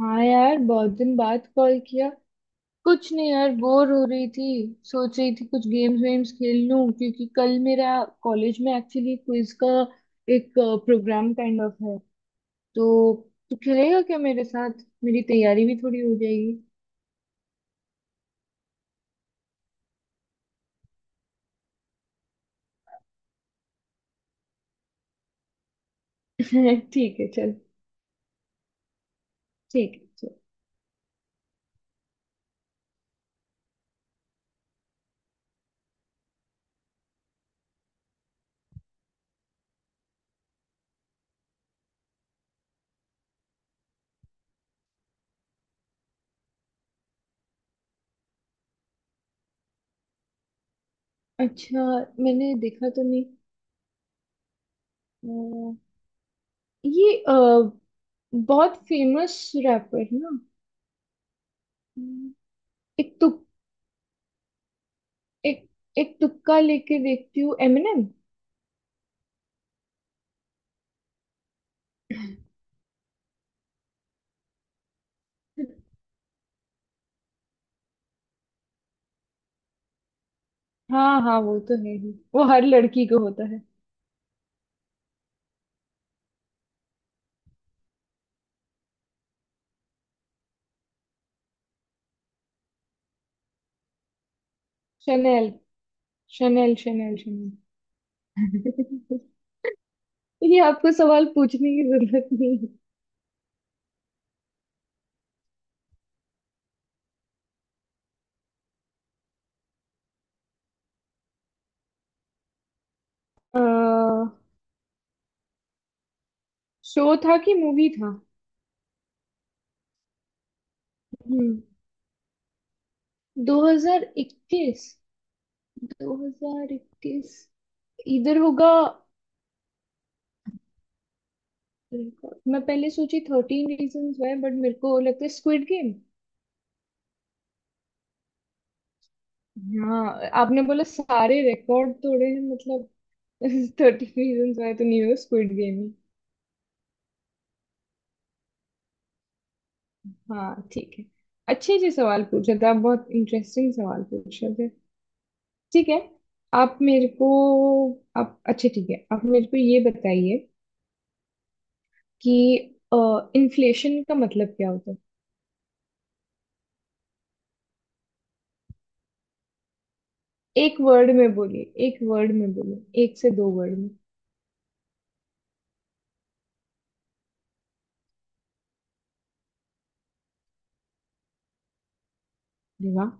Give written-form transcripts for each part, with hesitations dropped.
हाँ यार, बहुत दिन बाद कॉल किया। कुछ नहीं यार, बोर हो रही थी। सोच रही थी कुछ गेम्स वेम्स खेल लूं क्योंकि कल मेरा कॉलेज में एक्चुअली क्विज का एक प्रोग्राम काइंड ऑफ है तो तू खेलेगा क्या मेरे साथ? मेरी तैयारी भी थोड़ी हो जाएगी। ठीक है चल। ठीक है चल। अच्छा, मैंने देखा तो नहीं। अ, ये अ, बहुत फेमस रैपर है ना? हम्म, एक तुक एक एक तुक्का लेके देखती हूँ, एमिनेम। हाँ हाँ, वो तो है ही, वो हर लड़की को होता है। शनेल। Chanel Chanel Chanel. ये आपको सवाल पूछने की जरूरत नहीं है। अह, शो था कि मूवी था? हम्म। 2021। 2021 इधर होगा। मैं पहले सोची 13 रीजंस वाई बट मेरे को लगता है स्क्विड गेम। हाँ, आपने बोला सारे रिकॉर्ड तोड़े हैं मतलब। थर्टीन रीजंस वाई तो नहीं होगा, स्क्विड गेम। हाँ ठीक है। अच्छे से सवाल पूछ रहे थे आप, बहुत इंटरेस्टिंग सवाल पूछ रहे थे। ठीक है। आप मेरे को आप अच्छा ठीक है, आप मेरे को ये बताइए कि इन्फ्लेशन का मतलब क्या होता है? एक वर्ड में बोलिए, एक वर्ड में बोलिए, एक से दो वर्ड में। अरे वाह!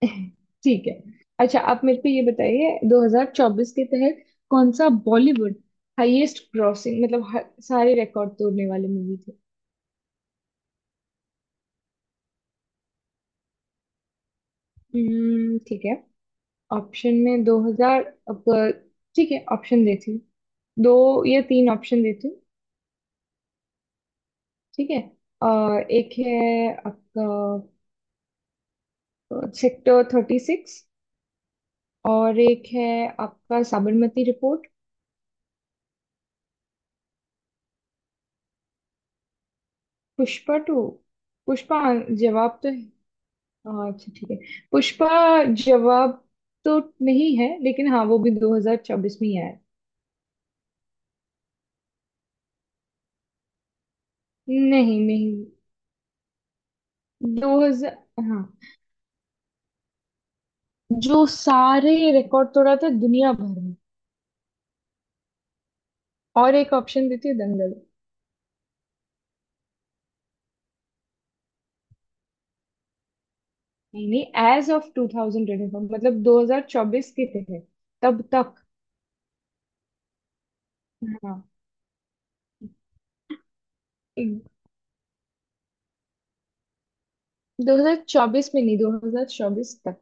ठीक है। अच्छा, आप मेरे को ये बताइए 2024 के तहत कौन सा बॉलीवुड हाईएस्ट ग्रॉसिंग, मतलब सारे रिकॉर्ड तोड़ने वाली मूवी थी? ठीक है। ऑप्शन में 2000। अब ठीक है, ऑप्शन देती हूँ। दो या तीन ऑप्शन देती हूँ। ठीक है। अ, एक है आपका सेक्टर 36। और एक है आपका साबरमती रिपोर्ट। पुष्पा टू। पुष्पा जवाब तो है। हाँ, अच्छा ठीक है। पुष्पा जवाब तो नहीं है, लेकिन हाँ वो भी 2024 में ही आया है। नहीं नहीं। 2000। हाँ, जो सारे रिकॉर्ड तोड़ा था दुनिया भर में। और एक ऑप्शन देती हूँ, दंगल। नहीं नहीं, एज ऑफ 2024, मतलब 2024 के थे तब तक। हाँ। 2024 में नहीं, 2024 तक।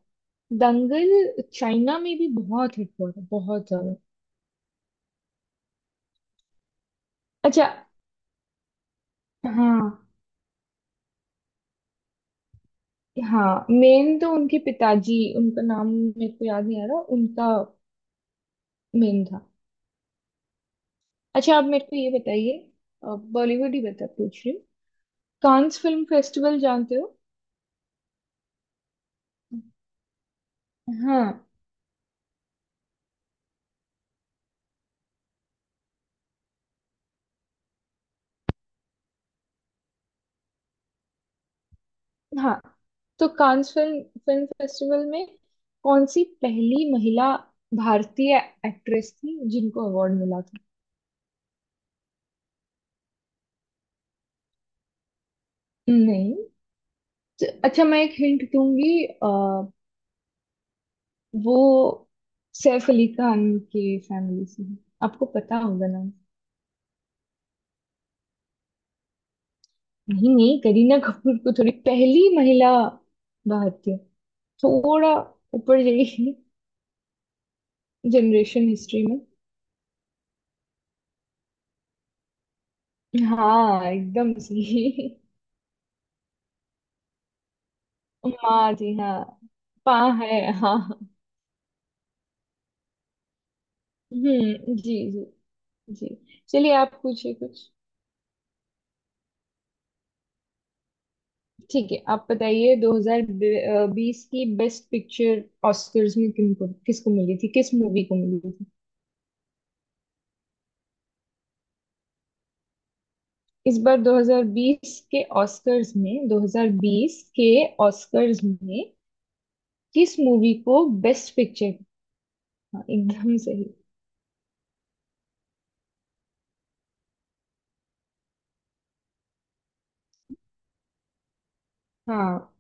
दंगल चाइना में भी बहुत हिट हुआ था, बहुत ज्यादा। अच्छा। हाँ हाँ, मेन तो उनके पिताजी, उनका नाम मेरे को याद नहीं आ रहा, उनका मेन था। अच्छा, आप मेरे को ये बताइए, बॉलीवुड ही बता पूछ रही हूँ। कांस फिल्म फेस्टिवल जानते हो? हाँ हाँ। तो कांस फिल्म फिल्म फेस्टिवल में कौन सी पहली महिला भारतीय एक्ट्रेस थी जिनको अवार्ड मिला था? नहीं। अच्छा, मैं एक हिंट दूंगी। वो सैफ अली खान के फैमिली से है। आपको पता होगा नाम। नहीं नहीं, करीना कपूर को थोड़ी पहली महिला भारतीय। थोड़ा ऊपर जाइए। जनरेशन हिस्ट्री में। हाँ एकदम सही। माँ जी हाँ। पा है हाँ। जी जी। जी। चलिए, आप पूछिए कुछ। ठीक है, आप बताइए 2020 की बेस्ट पिक्चर ऑस्कर्स में किनको किसको मिली थी, किस मूवी को मिली थी? इस बार 2020 के ऑस्कर्स में, 2020 के ऑस्कर्स में किस मूवी को बेस्ट पिक्चर? हाँ एकदम सही। हाँ।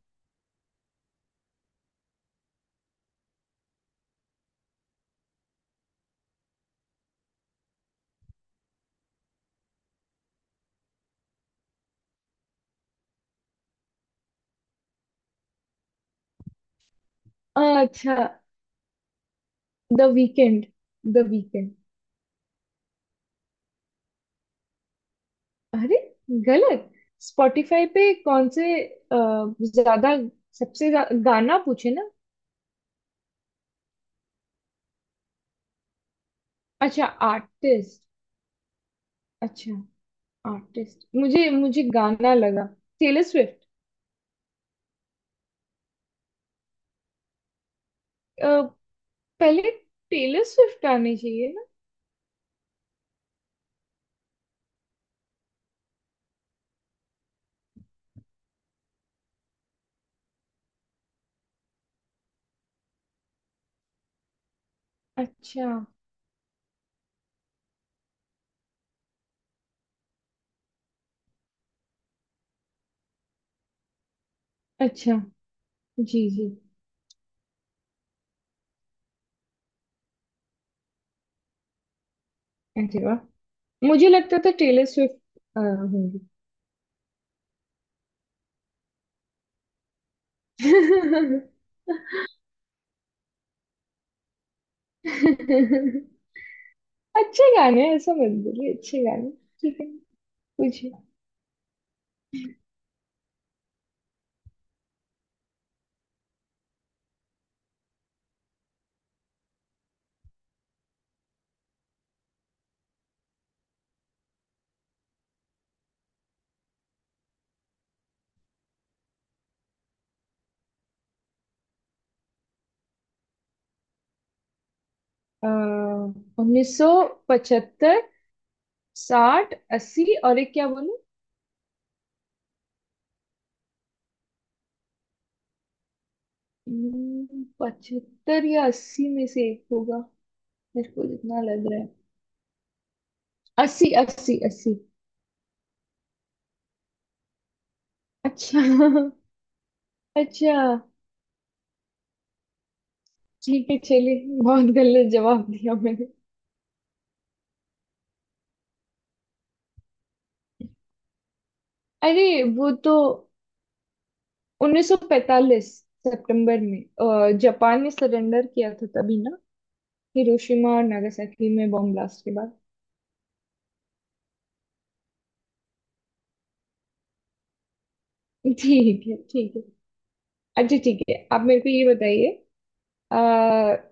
अच्छा। The Weeknd. The Weeknd. अरे गलत। स्पॉटिफाई पे कौन से ज्यादा, गाना पूछे ना? अच्छा आर्टिस्ट। अच्छा आर्टिस्ट, मुझे मुझे गाना लगा। Taylor Swift. पहले टेलर स्विफ्ट आने चाहिए ना। अच्छा। अच्छा। जी जी। अरे वाह, मुझे लगता था टेलर स्विफ्ट होंगी। अच्छे गाने हैं, ऐसा मत बोलिए, अच्छे गाने। ठीक है। 1975, साठ, अस्सी और एक क्या बोलूं? पचहत्तर या अस्सी में से एक होगा, मेरे को जितना लग रहा है। अस्सी अस्सी अस्सी। अच्छा। अच्छा ठीक है, चलिए बहुत गलत जवाब दिया मैंने। अरे, वो तो 1945 सितंबर में जापान ने सरेंडर किया था तभी ना। हिरोशिमा और नागासाकी में बॉम्ब ब्लास्ट के बाद। ठीक है ठीक है। अच्छा ठीक है, आप मेरे को ये बताइए क्वीन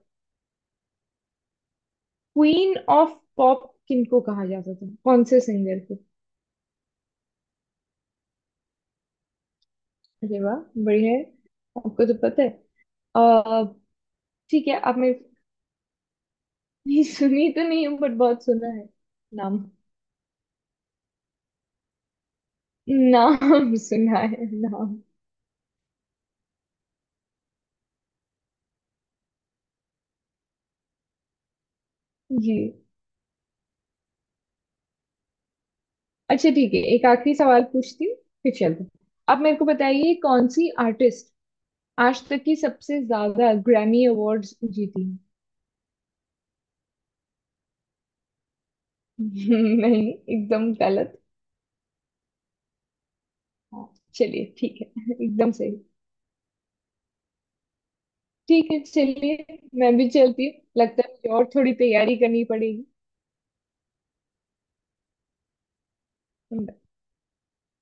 ऑफ पॉप किनको कहा जाता था, कौन से सिंगर को? अरे वाह, बढ़िया है, आपको तो पता है। अह, ठीक है, आपने नहीं सुनी तो नहीं बट बहुत सुना है नाम। नाम सुना है नाम। जी। अच्छा ठीक है, एक आखिरी सवाल पूछती हूँ, फिर चलते हैं। आप मेरे को बताइए कौन सी आर्टिस्ट आज तक की सबसे ज्यादा ग्रैमी अवार्ड्स जीती है? नहीं, एकदम गलत। हाँ, चलिए ठीक है। एकदम सही। ठीक है, चलिए मैं भी चलती हूँ, लगता है मुझे और थोड़ी तैयारी करनी पड़ेगी।